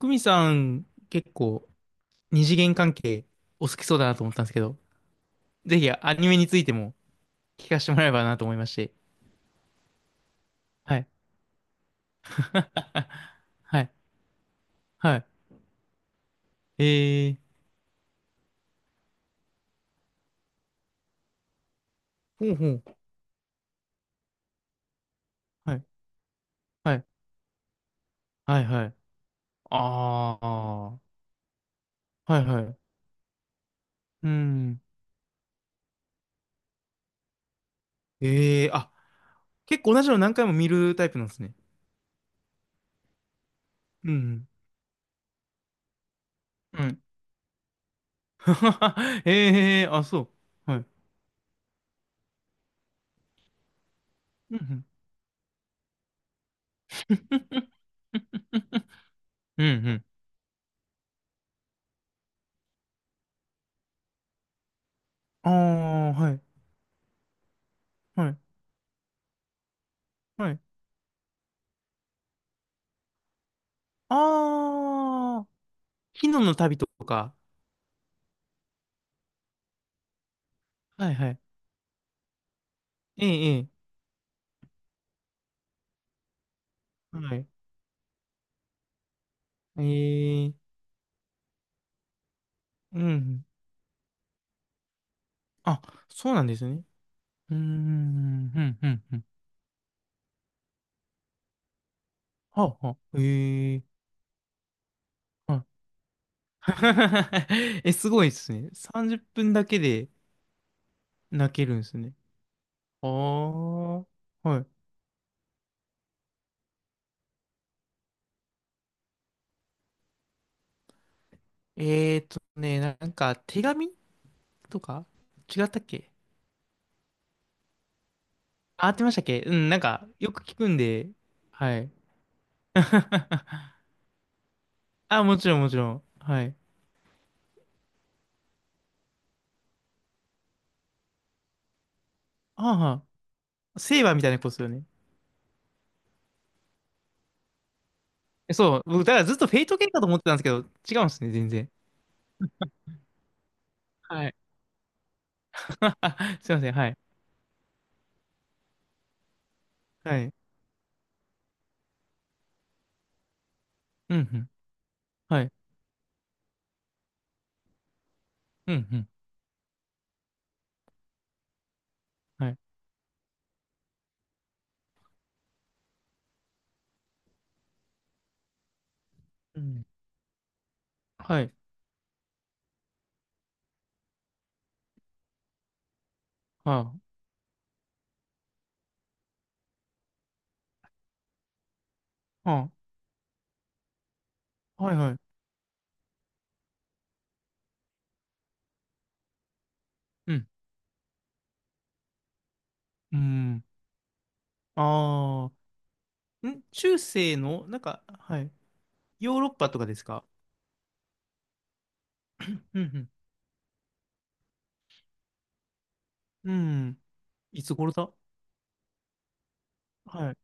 久美さん、結構二次元関係お好きそうだなと思ったんですけど、ぜひアニメについても聞かせてもらえればなと思いまして。はい。はい。はい。ほうほう。はい。はい。はいはい。ああ。はいはい。うん。ええー、あ、結構同じの何回も見るタイプなんですね。うん。うん。ええー、あ、そう。はい。うんうん。うんうん。ああ、はい。はい。はい。ああ、昨日の旅とか。はいはい。ええ、ええ、はい。ええ、うん。あ、そうなんですね。うーん、うん、うん、うん。はあ、はあ、ええ、はい。え、すごいですね。30分だけで泣けるんですね。ああ、はい。えーとね、なんか手紙とか違ったっけ。あ、合ってましたっけ。うん、なんかよく聞くんで、はい。あ、もちろん、もちろん。はい。ああ、はあ、セイバーみたいな子ですよね。えそう、僕、だからずっとフェイト系かと思ってたんですけど、違うんですね、全然。はい。すいません、はい。はい。うん、うん。はい。うん、うん。はい。うん。はい。ああ、はあ、はい、はい。うん。うん。ああ。ん、中世の、なんか、はい。ヨーロッパとかですか？うん、うん。うん。いつ頃だ。はい。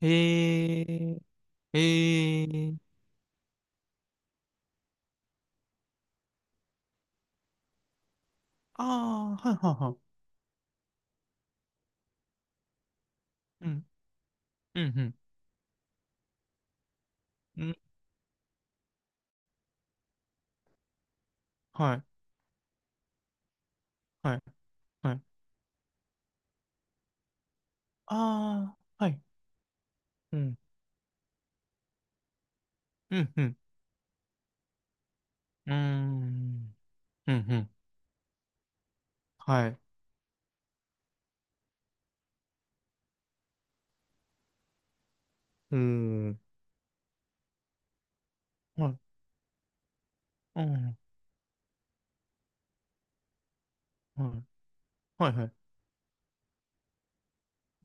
へえ、へえ。ああ、はい、はい、はい。うん、うん、うん。うん、はい、はい、はい。ああ、はい。うん。うん、うん。うーん。うん、うん。はい。うーん。はい。うん。はい。はい、はい。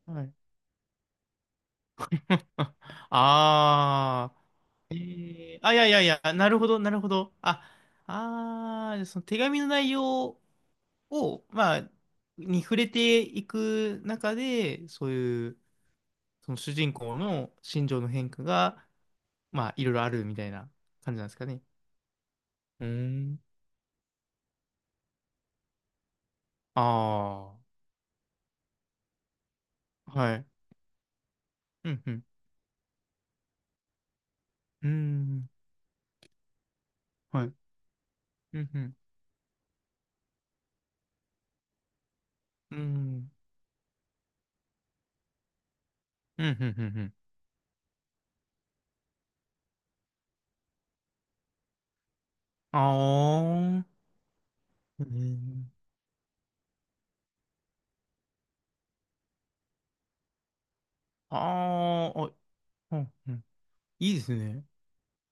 はい。ああ。えー、あ、いやいやいや、なるほど、なるほど。あ、ああ、その手紙の内容を、まあ、に触れていく中で、そういう、その主人公の心情の変化が、まあ、いろいろあるみたいな感じなんですかね。うーん。ああ。はい。うんうん。うーん。はい。うんうん。うーん。うんうんうんうん。あー。うん。あー。あ、うんうん。いいですね。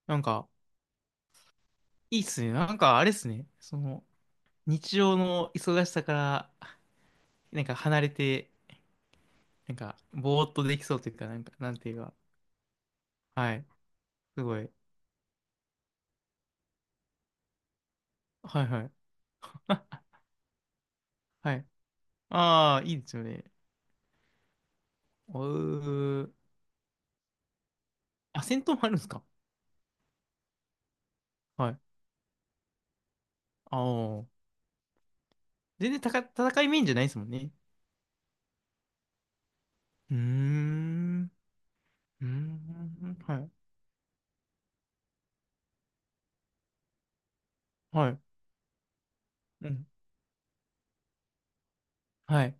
なんか、いいっすね。あれっすね。その、日常の忙しさから、なんか離れて、なんか、ぼーっとできそうというか、なんか、なんていうか。はい。すごい。はいはい。あ、はい。あー、いいですよね。うー。あ、戦闘もあるんですか？はい。あー。全然たか戦いメインじゃないですもんね。うーん。うーん。はい。はい。うん。はい。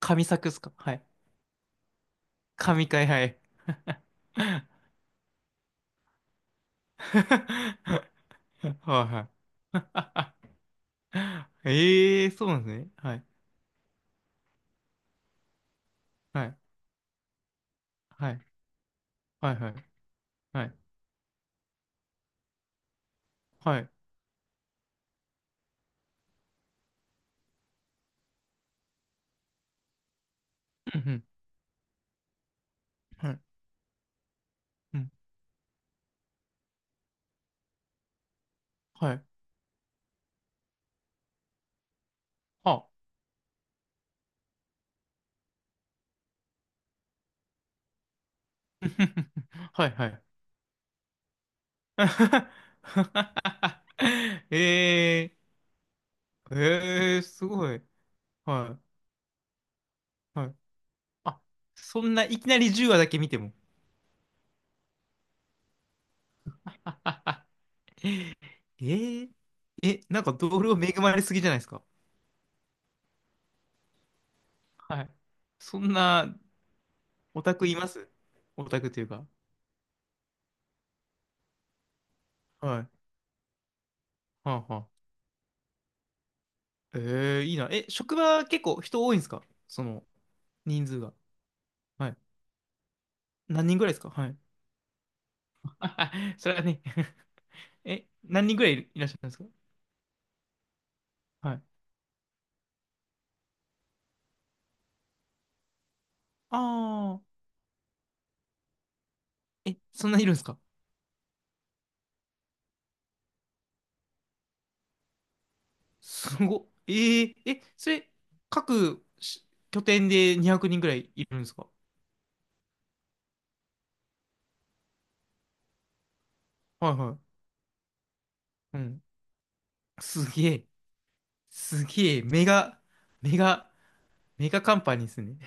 神作っすか？はい。神回、はい。はいはい。ええー、そうなんですね。はい。はい。はい。はい。はい。はい。はい。うん。うん、はい。うん。はい。あ。はい。はい。えー、えー、すごい。はい。はい。あ、そんないきなり10話だけ見ても。えー、え、なんか同僚恵まれすぎじゃないですか。はい。そんなオタクいます？オタクというか。はい。はあはあ。えー、いいな。え、職場結構人多いんですか？その人数が。はい。何人ぐらいですか？はい。それはね。 え、何人ぐらいいらっしゃるんですか？はい。ああ、え、そんないるんですか？すご。えー、え、それ、各し拠点で200人ぐらいいるんですか？はいはい。うん。すげえ、すげえ、メガ、メガ、メガカンパニーですね。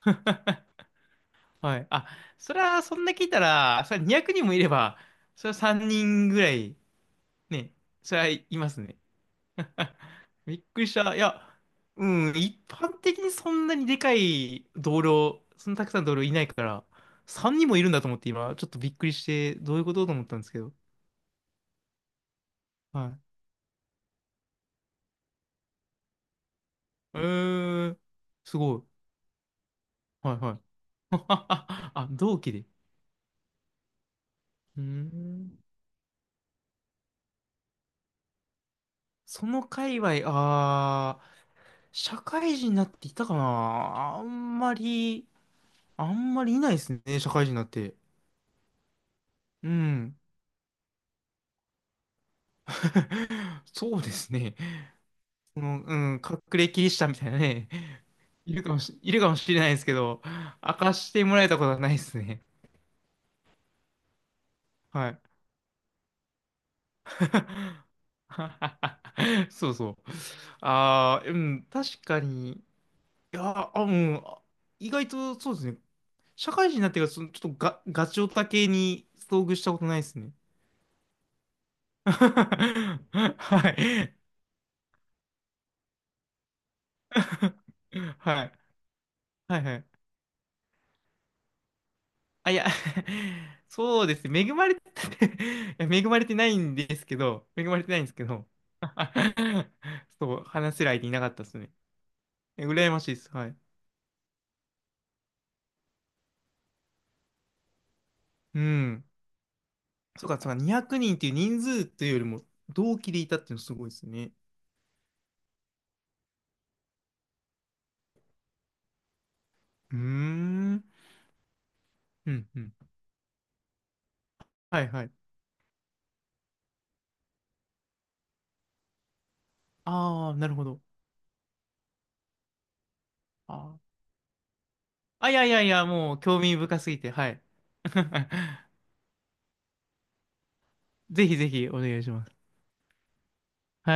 はい。あ、それは、そんな聞いたら、それは200人もいれば、それは3人ぐらい、ね、それはいますね。びっくりした。いや、うん、一般的にそんなにでかい同僚、そんなたくさん同僚いないから、3人もいるんだと思って今、ちょっとびっくりして、どういうことと思ったんですけど。はい。えー、すごい。はいはい。あ、同期で。うーん。その界隈、ああ、社会人になっていたかな。あんまり、あんまりいないですね、社会人になって。うん。そうですね。その、うん、隠れキリシタンみたいなね、いるかもし、いるかもしれないですけど、明かしてもらえたことはないですね。はい。そうそう。ああ、うん、確かに。いや、あ、うん、あ、意外とそうですね。社会人になってから、そのちょっとガ、ガチオタ系に遭遇したことないですね。はい。はい。はいはい。あ、いや、そうですね。恵まれて、いや、恵まれてないんですけど、恵まれてないんですけど、そう、話せる相手いなかったですね。え羨ましいです。はい。うん。そうか、そうか、200人っていう人数というよりも、同期でいたっていうのすごいですね。うーん。うん、うん、うん、はいはい。ああ、なるほど。あー、あ、いやいやいや、もう興味深すぎて、はい。ぜひぜひお願いします。